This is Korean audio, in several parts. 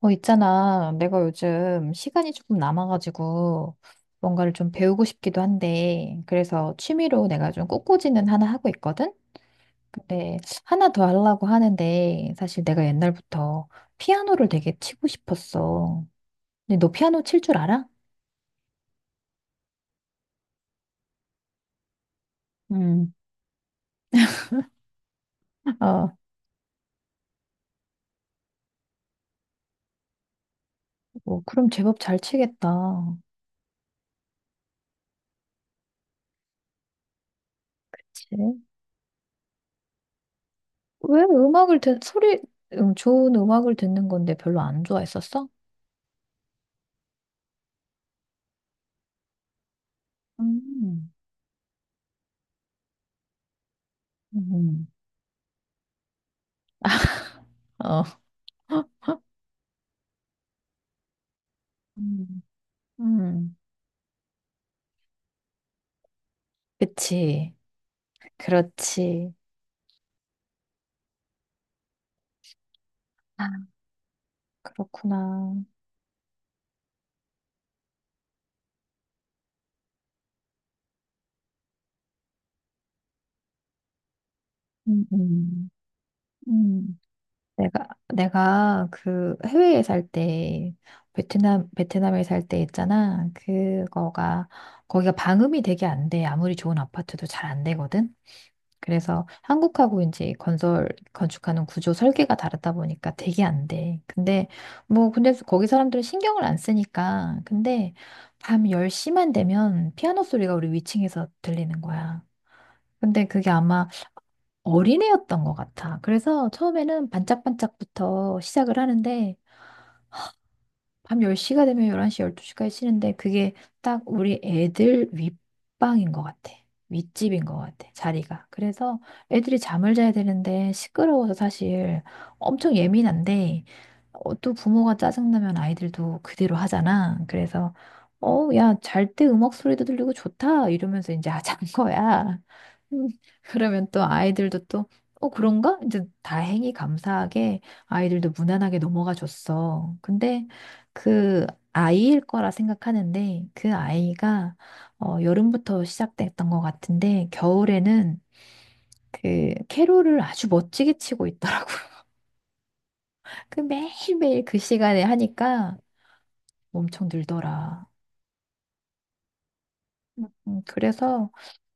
있잖아. 내가 요즘 시간이 조금 남아가지고 뭔가를 좀 배우고 싶기도 한데, 그래서 취미로 내가 좀 꽃꽂이는 하나 하고 있거든? 근데 하나 더 하려고 하는데, 사실 내가 옛날부터 피아노를 되게 치고 싶었어. 근데 너 피아노 칠 줄 알아? 음, 아, 어, 그럼 제법 잘 치겠다. 그치? 왜 좋은 음악을 듣는 건데 별로 안 좋아했었어? 음, 음, 어. 음, 그치. 그렇지. 아, 그렇구나. 음, 음, 음. 내가, 내가 그 해외에 살 때, 베트남에 살 때 있잖아. 거기가 방음이 되게 안 돼. 아무리 좋은 아파트도 잘 안 되거든. 그래서 한국하고 이제 건축하는 구조 설계가 다르다 보니까 되게 안 돼. 뭐, 근데 거기 사람들은 신경을 안 쓰니까. 근데 밤 10시만 되면 피아노 소리가 우리 위층에서 들리는 거야. 근데 그게 아마 어린애였던 것 같아. 그래서 처음에는 반짝반짝부터 시작을 하는데 밤 10시가 되면 11시, 12시까지 쉬는데 그게 딱 우리 애들 윗방인 것 같아. 윗집인 것 같아, 자리가. 그래서 애들이 잠을 자야 되는데 시끄러워서 사실 엄청 예민한데 또 부모가 짜증나면 아이들도 그대로 하잖아. 그래서 야, 잘 때 음악 소리도 들리고 좋다 이러면서 이제 아, 잔 거야. 음, 그러면 또 아이들도 또 그런가? 이제 다행히 감사하게 아이들도 무난하게 넘어가 줬어. 근데 그 아이일 거라 생각하는데 그 아이가 여름부터 시작됐던 것 같은데 겨울에는 그 캐롤을 아주 멋지게 치고 있더라고요. 그 매일매일 그 시간에 하니까 엄청 늘더라. 그래서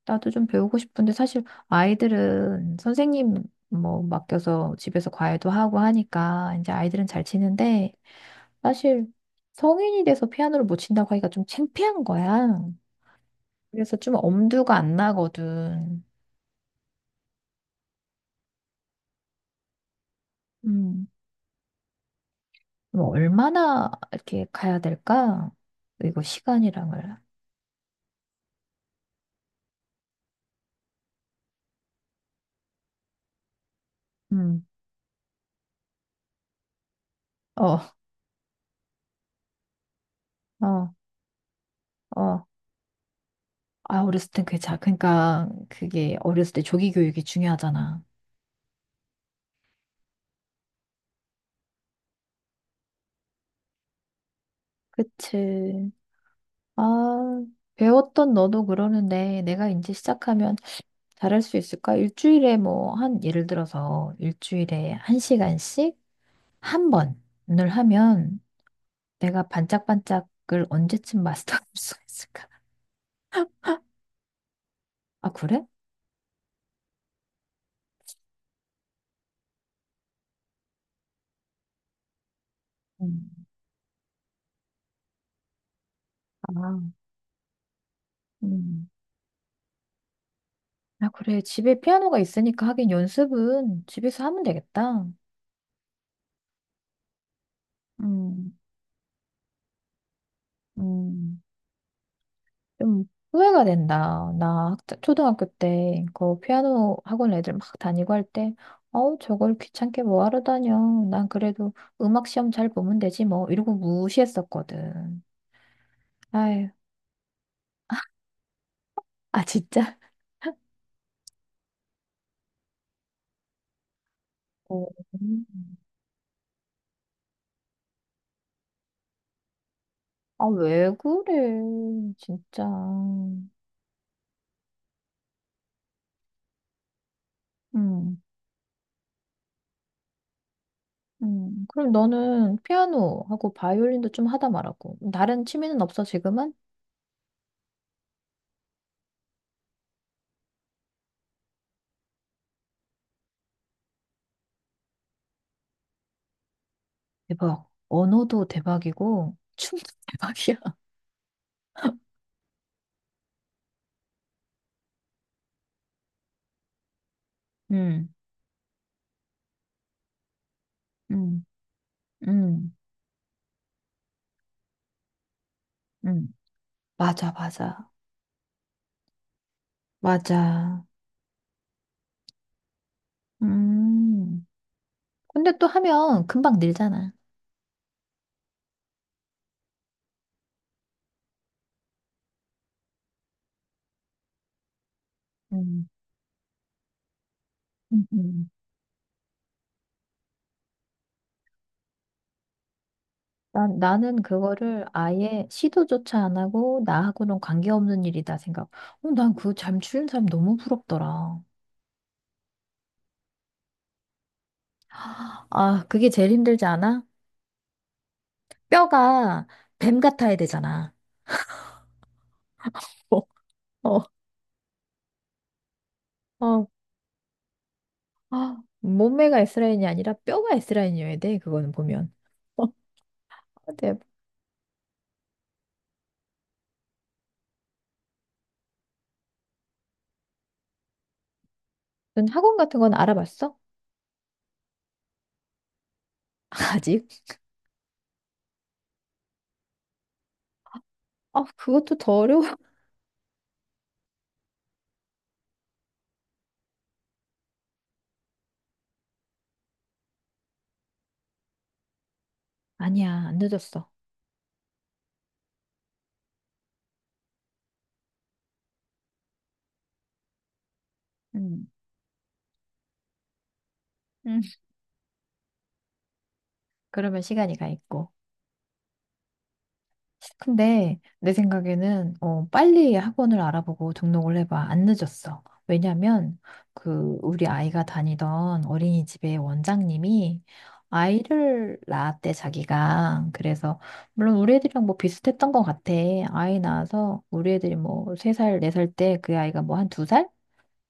나도 좀 배우고 싶은데 사실 아이들은 선생님 뭐 맡겨서 집에서 과외도 하고 하니까 이제 아이들은 잘 치는데 사실 성인이 돼서 피아노를 못 친다고 하기가 좀 창피한 거야. 그래서 좀 엄두가 안 나거든. 음, 그럼 얼마나 이렇게 가야 될까? 이거 시간이랑을. 음, 어, 어, 어. 아, 어렸을 땐 그게 자. 그러니까 그게 어렸을 때 조기 교육이 중요하잖아. 그치. 아, 배웠던 너도 그러는데 내가 이제 시작하면 잘할 수 있을까? 일주일에 뭐 한 예를 들어서 일주일에 1시간씩 1번을 하면 내가 반짝반짝을 언제쯤 마스터할 수 있을까? 아, 그래? 음. 아, 음. 아, 그래. 집에 피아노가 있으니까 하긴 연습은 집에서 하면 되겠다. 음, 음. 좀 후회가 된다. 나 초등학교 때 그 피아노 학원 애들 막 다니고 할 때, 어우, 저걸 귀찮게 뭐 하러 다녀. 난 그래도 음악 시험 잘 보면 되지 뭐. 이러고 무시했었거든. 아유, 아, 진짜? 어. 아, 왜 그래, 진짜. 음, 그럼 너는 피아노하고 바이올린도 좀 하다 말았고, 다른 취미는 없어, 지금은? 대박. 언어도 대박이고, 춤도 대박이야. 음, 음, 음, 음. 맞아, 맞아. 맞아. 음. 근데 또 하면 금방 늘잖아. 음, 음, 음. 나는 그거를 아예 시도조차 안 하고 나하고는 관계없는 일이다 생각. 난그 잠추는 사람 너무 부럽더라. 아, 그게 제일 힘들지 않아? 뼈가 뱀 같아야 되잖아. 어, 어, 어. 아, 몸매가 S라인이 아니라 뼈가 S라인이어야 돼, 그거는 보면. 어, 네. 넌 학원 같은 건 알아봤어? 아직? 아, 그것도 더 어려워. 아니야, 안 늦었어. 음, 음. 그러면 시간이 가 있고. 근데 내 생각에는 빨리 학원을 알아보고 등록을 해봐. 안 늦었어. 왜냐면 그 우리 아이가 다니던 어린이집의 원장님이 아이를 낳았대 자기가. 그래서 물론 우리 애들이랑 뭐 비슷했던 것 같아. 아이 낳아서 우리 애들이 뭐 3살 4살 때 그 아이가 뭐 한 2살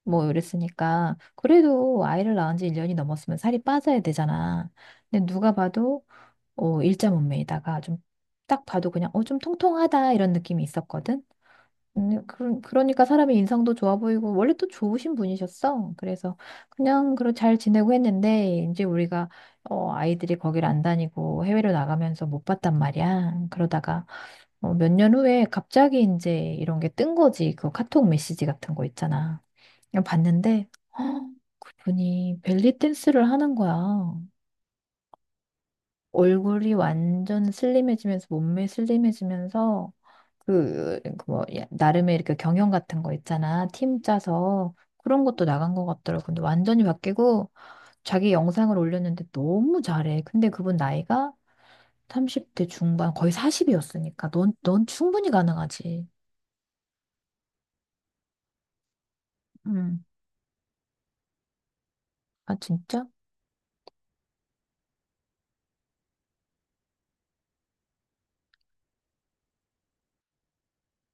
뭐 이랬으니까 그래도 아이를 낳은 지 1년이 넘었으면 살이 빠져야 되잖아. 근데 누가 봐도 일자 몸매에다가 좀 딱 봐도 그냥 좀 통통하다 이런 느낌이 있었거든. 그러니까 사람의 인상도 좋아 보이고 원래 또 좋으신 분이셨어. 그래서 그냥 그런 잘 지내고 했는데 이제 우리가 아이들이 거기를 안 다니고 해외로 나가면서 못 봤단 말이야. 그러다가 몇 년 후에 갑자기 이제 이런 게 뜬 거지. 그 카톡 메시지 같은 거 있잖아. 그냥 봤는데, 헉, 그분이 벨리 댄스를 하는 거야. 얼굴이 완전 슬림해지면서 몸매 슬림해지면서 그 뭐 나름의 이렇게 경영 같은 거 있잖아, 팀 짜서 그런 것도 나간 것 같더라고. 근데 완전히 바뀌고 자기 영상을 올렸는데 너무 잘해. 근데 그분 나이가 30대 중반 거의 40이었으니까 넌 충분히 가능하지. 음. 아, 진짜.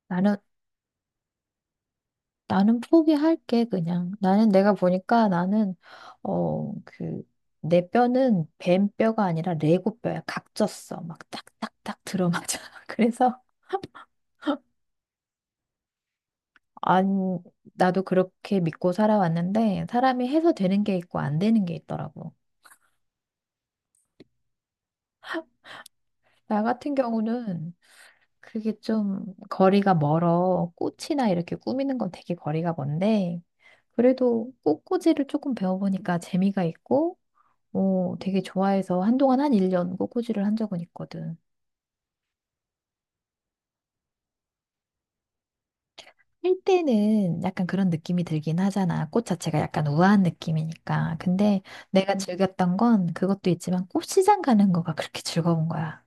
나는 나는 포기할게, 그냥. 나는 내가 보니까 나는, 어, 그, 내 뼈는 뱀뼈가 아니라 레고뼈야. 각졌어. 막 딱딱딱 들어맞아. 그래서, 안, 나도 그렇게 믿고 살아왔는데, 사람이 해서 되는 게 있고 안 되는 게 있더라고. 나 같은 경우는 그게 좀 거리가 멀어. 꽃이나 이렇게 꾸미는 건 되게 거리가 먼데, 그래도 꽃꽂이를 조금 배워보니까 재미가 있고, 되게 좋아해서 한동안 한 1년 꽃꽂이를 한 적은 있거든. 할 때는 약간 그런 느낌이 들긴 하잖아. 꽃 자체가 약간 우아한 느낌이니까. 근데 내가 즐겼던 건 그것도 있지만 꽃시장 가는 거가 그렇게 즐거운 거야.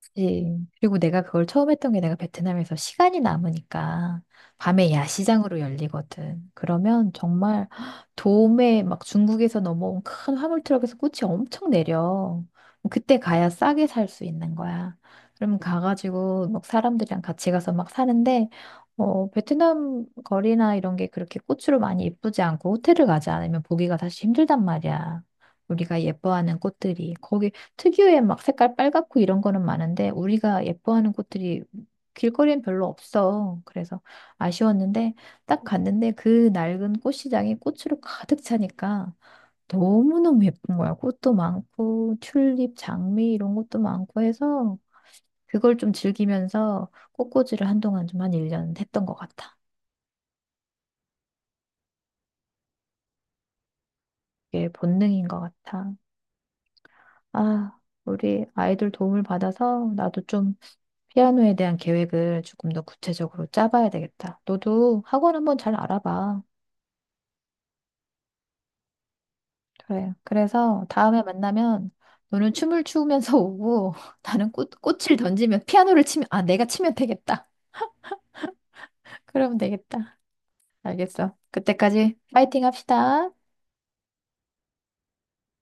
그치. 그리고 내가 그걸 처음 했던 게 내가 베트남에서 시간이 남으니까 밤에 야시장으로 열리거든. 그러면 정말 도매 막 중국에서 넘어온 큰 화물 트럭에서 꽃이 엄청 내려. 그때 가야 싸게 살 수 있는 거야. 그러면 가가지고 막 사람들이랑 같이 가서 막 사는데 베트남 거리나 이런 게 그렇게 꽃으로 많이 예쁘지 않고 호텔을 가지 않으면 보기가 사실 힘들단 말이야. 우리가 예뻐하는 꽃들이 거기 특유의 막 색깔 빨갛고 이런 거는 많은데 우리가 예뻐하는 꽃들이 길거리엔 별로 없어. 그래서 아쉬웠는데 딱 갔는데 그 낡은 꽃시장이 꽃으로 가득 차니까 너무너무 예쁜 거야. 꽃도 많고 튤립, 장미 이런 것도 많고 해서 그걸 좀 즐기면서 꽃꽂이를 한동안 좀 한 1년 했던 것 같아. 이게 본능인 것 같아. 아, 우리 아이들 도움을 받아서 나도 좀 피아노에 대한 계획을 조금 더 구체적으로 짜봐야 되겠다. 너도 학원 한번 잘 알아봐. 그래. 그래서 다음에 만나면 너는 춤을 추면서 오고 나는 꽃을 던지면 피아노를 치면, 아, 내가 치면 되겠다. 그러면 되겠다. 알겠어. 그때까지 파이팅 합시다.